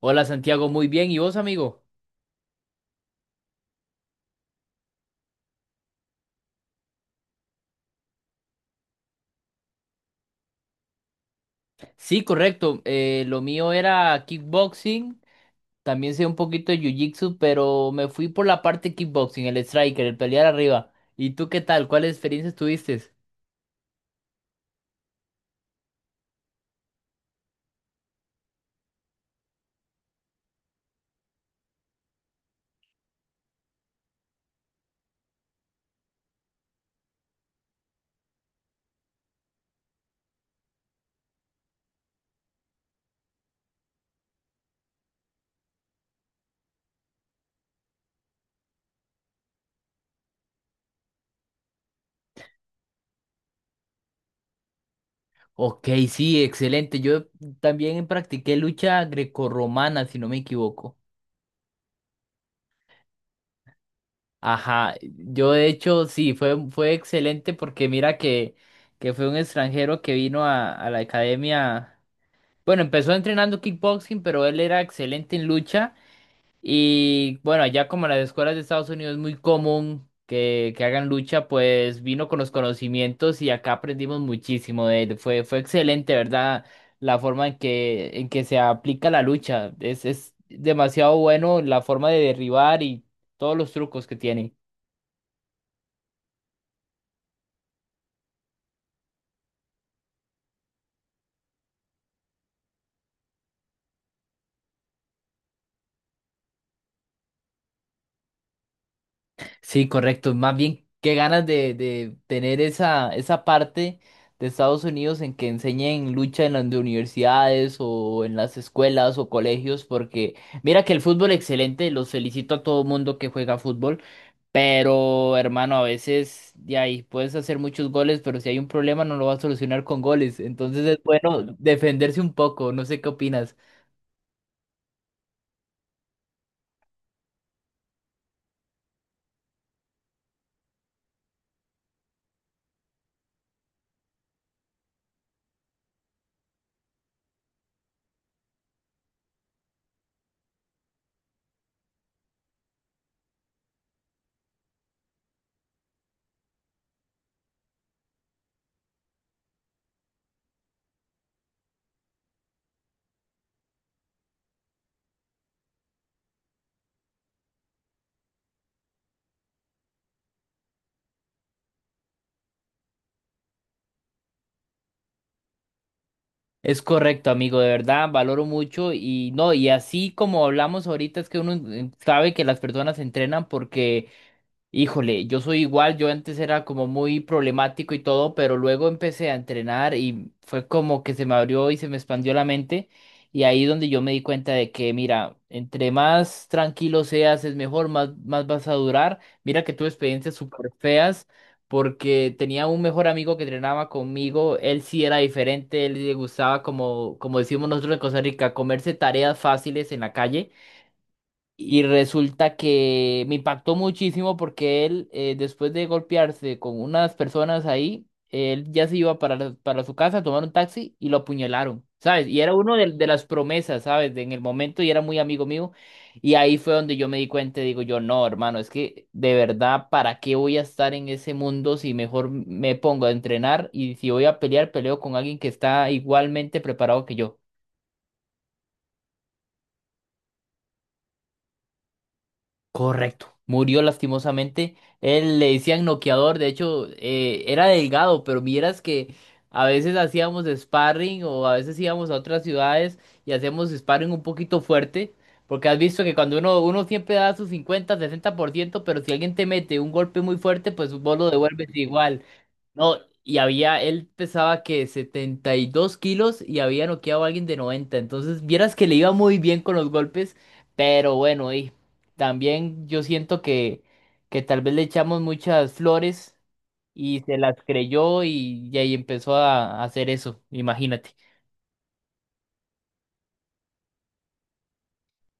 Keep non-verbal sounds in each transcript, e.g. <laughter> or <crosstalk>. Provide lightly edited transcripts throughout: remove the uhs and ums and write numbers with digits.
Hola Santiago, muy bien. ¿Y vos, amigo? Sí, correcto. Lo mío era kickboxing. También sé un poquito de jiu-jitsu, pero me fui por la parte kickboxing, el striker, el pelear arriba. ¿Y tú qué tal? ¿Cuáles experiencias tuviste? Ok, sí, excelente. Yo también practiqué lucha grecorromana, si no me equivoco. Ajá, yo de hecho sí, fue excelente porque mira que, fue un extranjero que vino a la academia. Bueno, empezó entrenando kickboxing, pero él era excelente en lucha. Y bueno, allá como en las escuelas de Estados Unidos es muy común que, hagan lucha, pues vino con los conocimientos y acá aprendimos muchísimo de él. Fue excelente, ¿verdad? La forma en que se aplica la lucha. Es demasiado bueno la forma de derribar y todos los trucos que tienen. Sí, correcto. Más bien, qué ganas de, tener esa parte de Estados Unidos en que enseñen lucha en las de universidades o en las escuelas o colegios, porque mira que el fútbol excelente, los felicito a todo mundo que juega fútbol, pero hermano, a veces de ahí puedes hacer muchos goles, pero si hay un problema no lo vas a solucionar con goles, entonces es bueno defenderse un poco, no sé qué opinas. Es correcto, amigo, de verdad, valoro mucho y no, y así como hablamos ahorita es que uno sabe que las personas se entrenan porque. Híjole, yo soy igual, yo antes era como muy problemático y todo, pero luego empecé a entrenar y fue como que se me abrió y se me expandió la mente y ahí donde yo me di cuenta de que, mira, entre más tranquilo seas es mejor, más vas a durar. Mira que tuve experiencias súper feas porque tenía un mejor amigo que entrenaba conmigo, él sí era diferente, él le gustaba como decimos nosotros en Costa Rica, comerse tareas fáciles en la calle. Y resulta que me impactó muchísimo porque él, después de golpearse con unas personas ahí, él ya se iba para su casa a tomar un taxi y lo apuñalaron, ¿sabes? Y era uno de, las promesas, ¿sabes? En el momento y era muy amigo mío. Y ahí fue donde yo me di cuenta y digo yo, no, hermano, es que de verdad, ¿para qué voy a estar en ese mundo si mejor me pongo a entrenar y si voy a pelear, peleo con alguien que está igualmente preparado que yo? Correcto. Murió lastimosamente. Él le decían noqueador, de hecho, era delgado, pero vieras que a veces hacíamos sparring o a veces íbamos a otras ciudades y hacíamos sparring un poquito fuerte, porque has visto que cuando uno, siempre da su 50, 60%, pero si alguien te mete un golpe muy fuerte, pues vos lo devuelves igual. No, y había, él pesaba que 72 kilos y había noqueado a alguien de 90. Entonces, vieras que le iba muy bien con los golpes, pero bueno, y también yo siento que, tal vez le echamos muchas flores y se las creyó y ahí empezó a hacer eso, imagínate.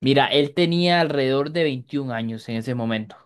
Mira, él tenía alrededor de 21 años en ese momento.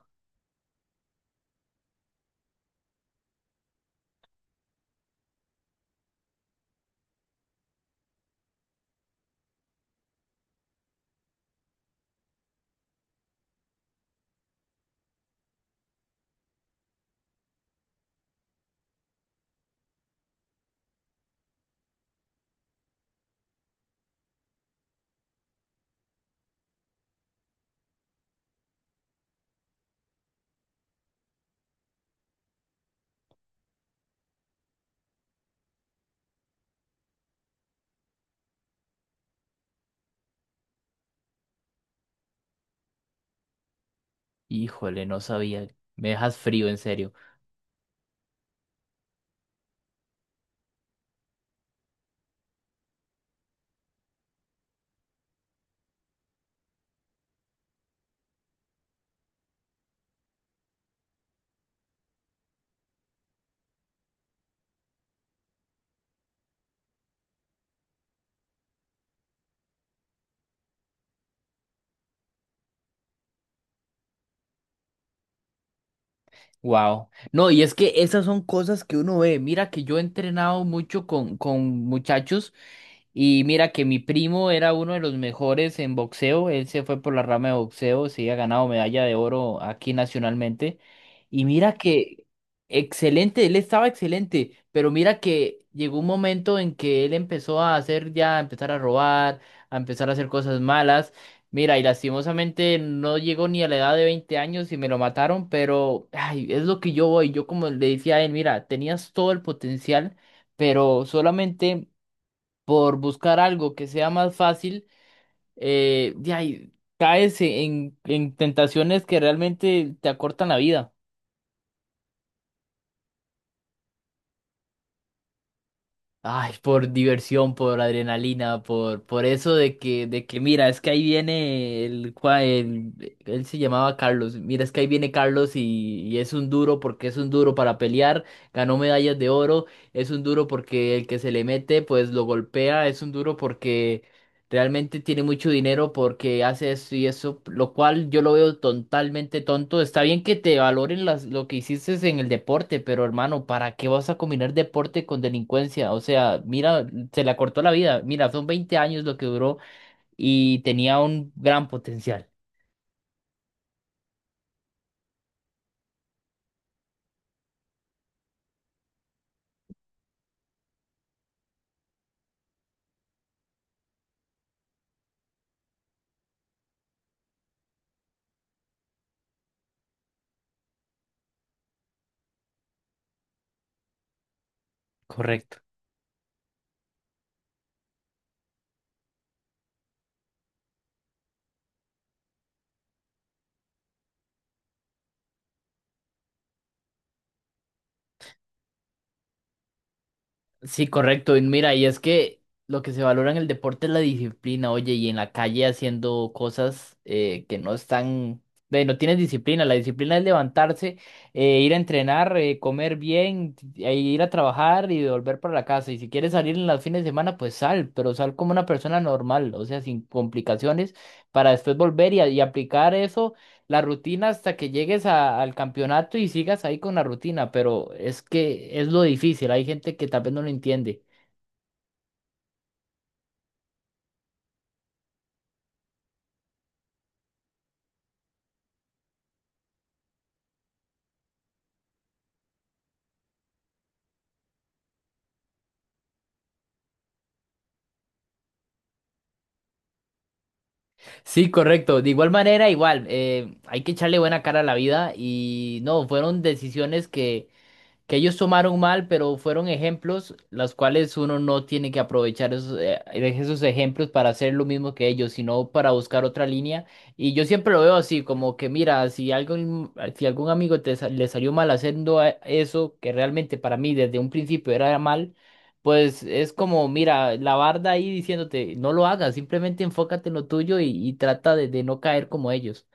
Híjole, no sabía. Me dejas frío, en serio. Wow. No, y es que esas son cosas que uno ve. Mira que yo he entrenado mucho con muchachos. Y mira que mi primo era uno de los mejores en boxeo, él se fue por la rama de boxeo, sí ha ganado medalla de oro aquí nacionalmente. Y mira que excelente, él estaba excelente, pero mira que llegó un momento en que él empezó a hacer ya, a empezar a robar, a empezar a hacer cosas malas. Mira, y lastimosamente no llegó ni a la edad de 20 años y me lo mataron, pero ay, es lo que yo voy. Yo como le decía a él, mira, tenías todo el potencial, pero solamente por buscar algo que sea más fácil, de ahí caes en, tentaciones que realmente te acortan la vida. Ay, por diversión, por adrenalina, por eso de que, mira, es que ahí viene él se llamaba Carlos, mira, es que ahí viene Carlos y es un duro porque es un duro para pelear, ganó medallas de oro, es un duro porque el que se le mete, pues lo golpea, es un duro porque. Realmente tiene mucho dinero porque hace esto y eso, lo cual yo lo veo totalmente tonto. Está bien que te valoren las, lo que hiciste en el deporte, pero hermano, ¿para qué vas a combinar deporte con delincuencia? O sea, mira, se le acortó la vida. Mira, son 20 años lo que duró y tenía un gran potencial. Correcto. Sí, correcto. Y mira, y es que lo que se valora en el deporte es la disciplina, oye, y en la calle haciendo cosas que no están, no tienes disciplina. La disciplina es levantarse, ir a entrenar, comer bien, e ir a trabajar y volver para la casa. Y si quieres salir en los fines de semana, pues sal, pero sal como una persona normal, o sea, sin complicaciones, para después volver y aplicar eso la rutina hasta que llegues al campeonato y sigas ahí con la rutina, pero es que es lo difícil, hay gente que tal vez no lo entiende. Sí, correcto, de igual manera, igual, hay que echarle buena cara a la vida y no, fueron decisiones que ellos tomaron mal, pero fueron ejemplos los cuales uno no tiene que aprovechar esos ejemplos para hacer lo mismo que ellos, sino para buscar otra línea. Y yo siempre lo veo así, como que mira, si algún amigo le salió mal haciendo eso, que realmente para mí desde un principio era mal, pues es como, mira, la barda ahí diciéndote, no lo hagas, simplemente enfócate en lo tuyo y trata de, no caer como ellos.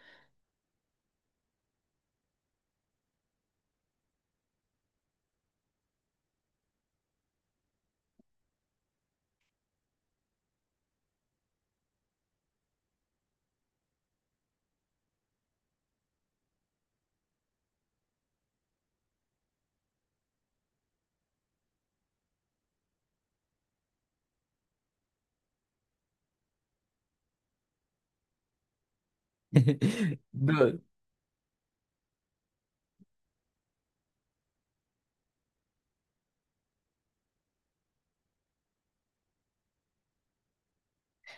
<laughs> No,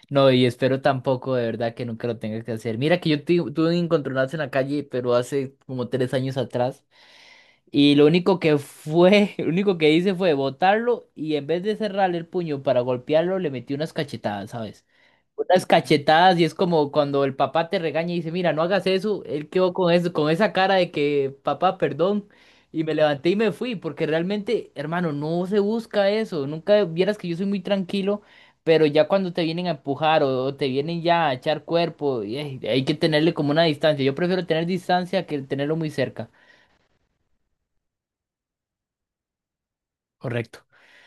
no, y espero tampoco, de verdad, que nunca lo tenga que hacer. Mira que yo tuve un encontronazo en la calle, pero hace como 3 años atrás. Y lo único que fue, <laughs> lo único que hice fue botarlo y en vez de cerrarle el puño para golpearlo, le metí unas cachetadas, ¿sabes? Unas cachetadas y es como cuando el papá te regaña y dice, mira, no hagas eso, él quedó con eso, con esa cara de que, papá, perdón, y me levanté y me fui, porque realmente, hermano, no se busca eso, nunca vieras que yo soy muy tranquilo, pero ya cuando te vienen a empujar o, te vienen ya a echar cuerpo, hay que tenerle como una distancia, yo prefiero tener distancia que tenerlo muy cerca. Correcto.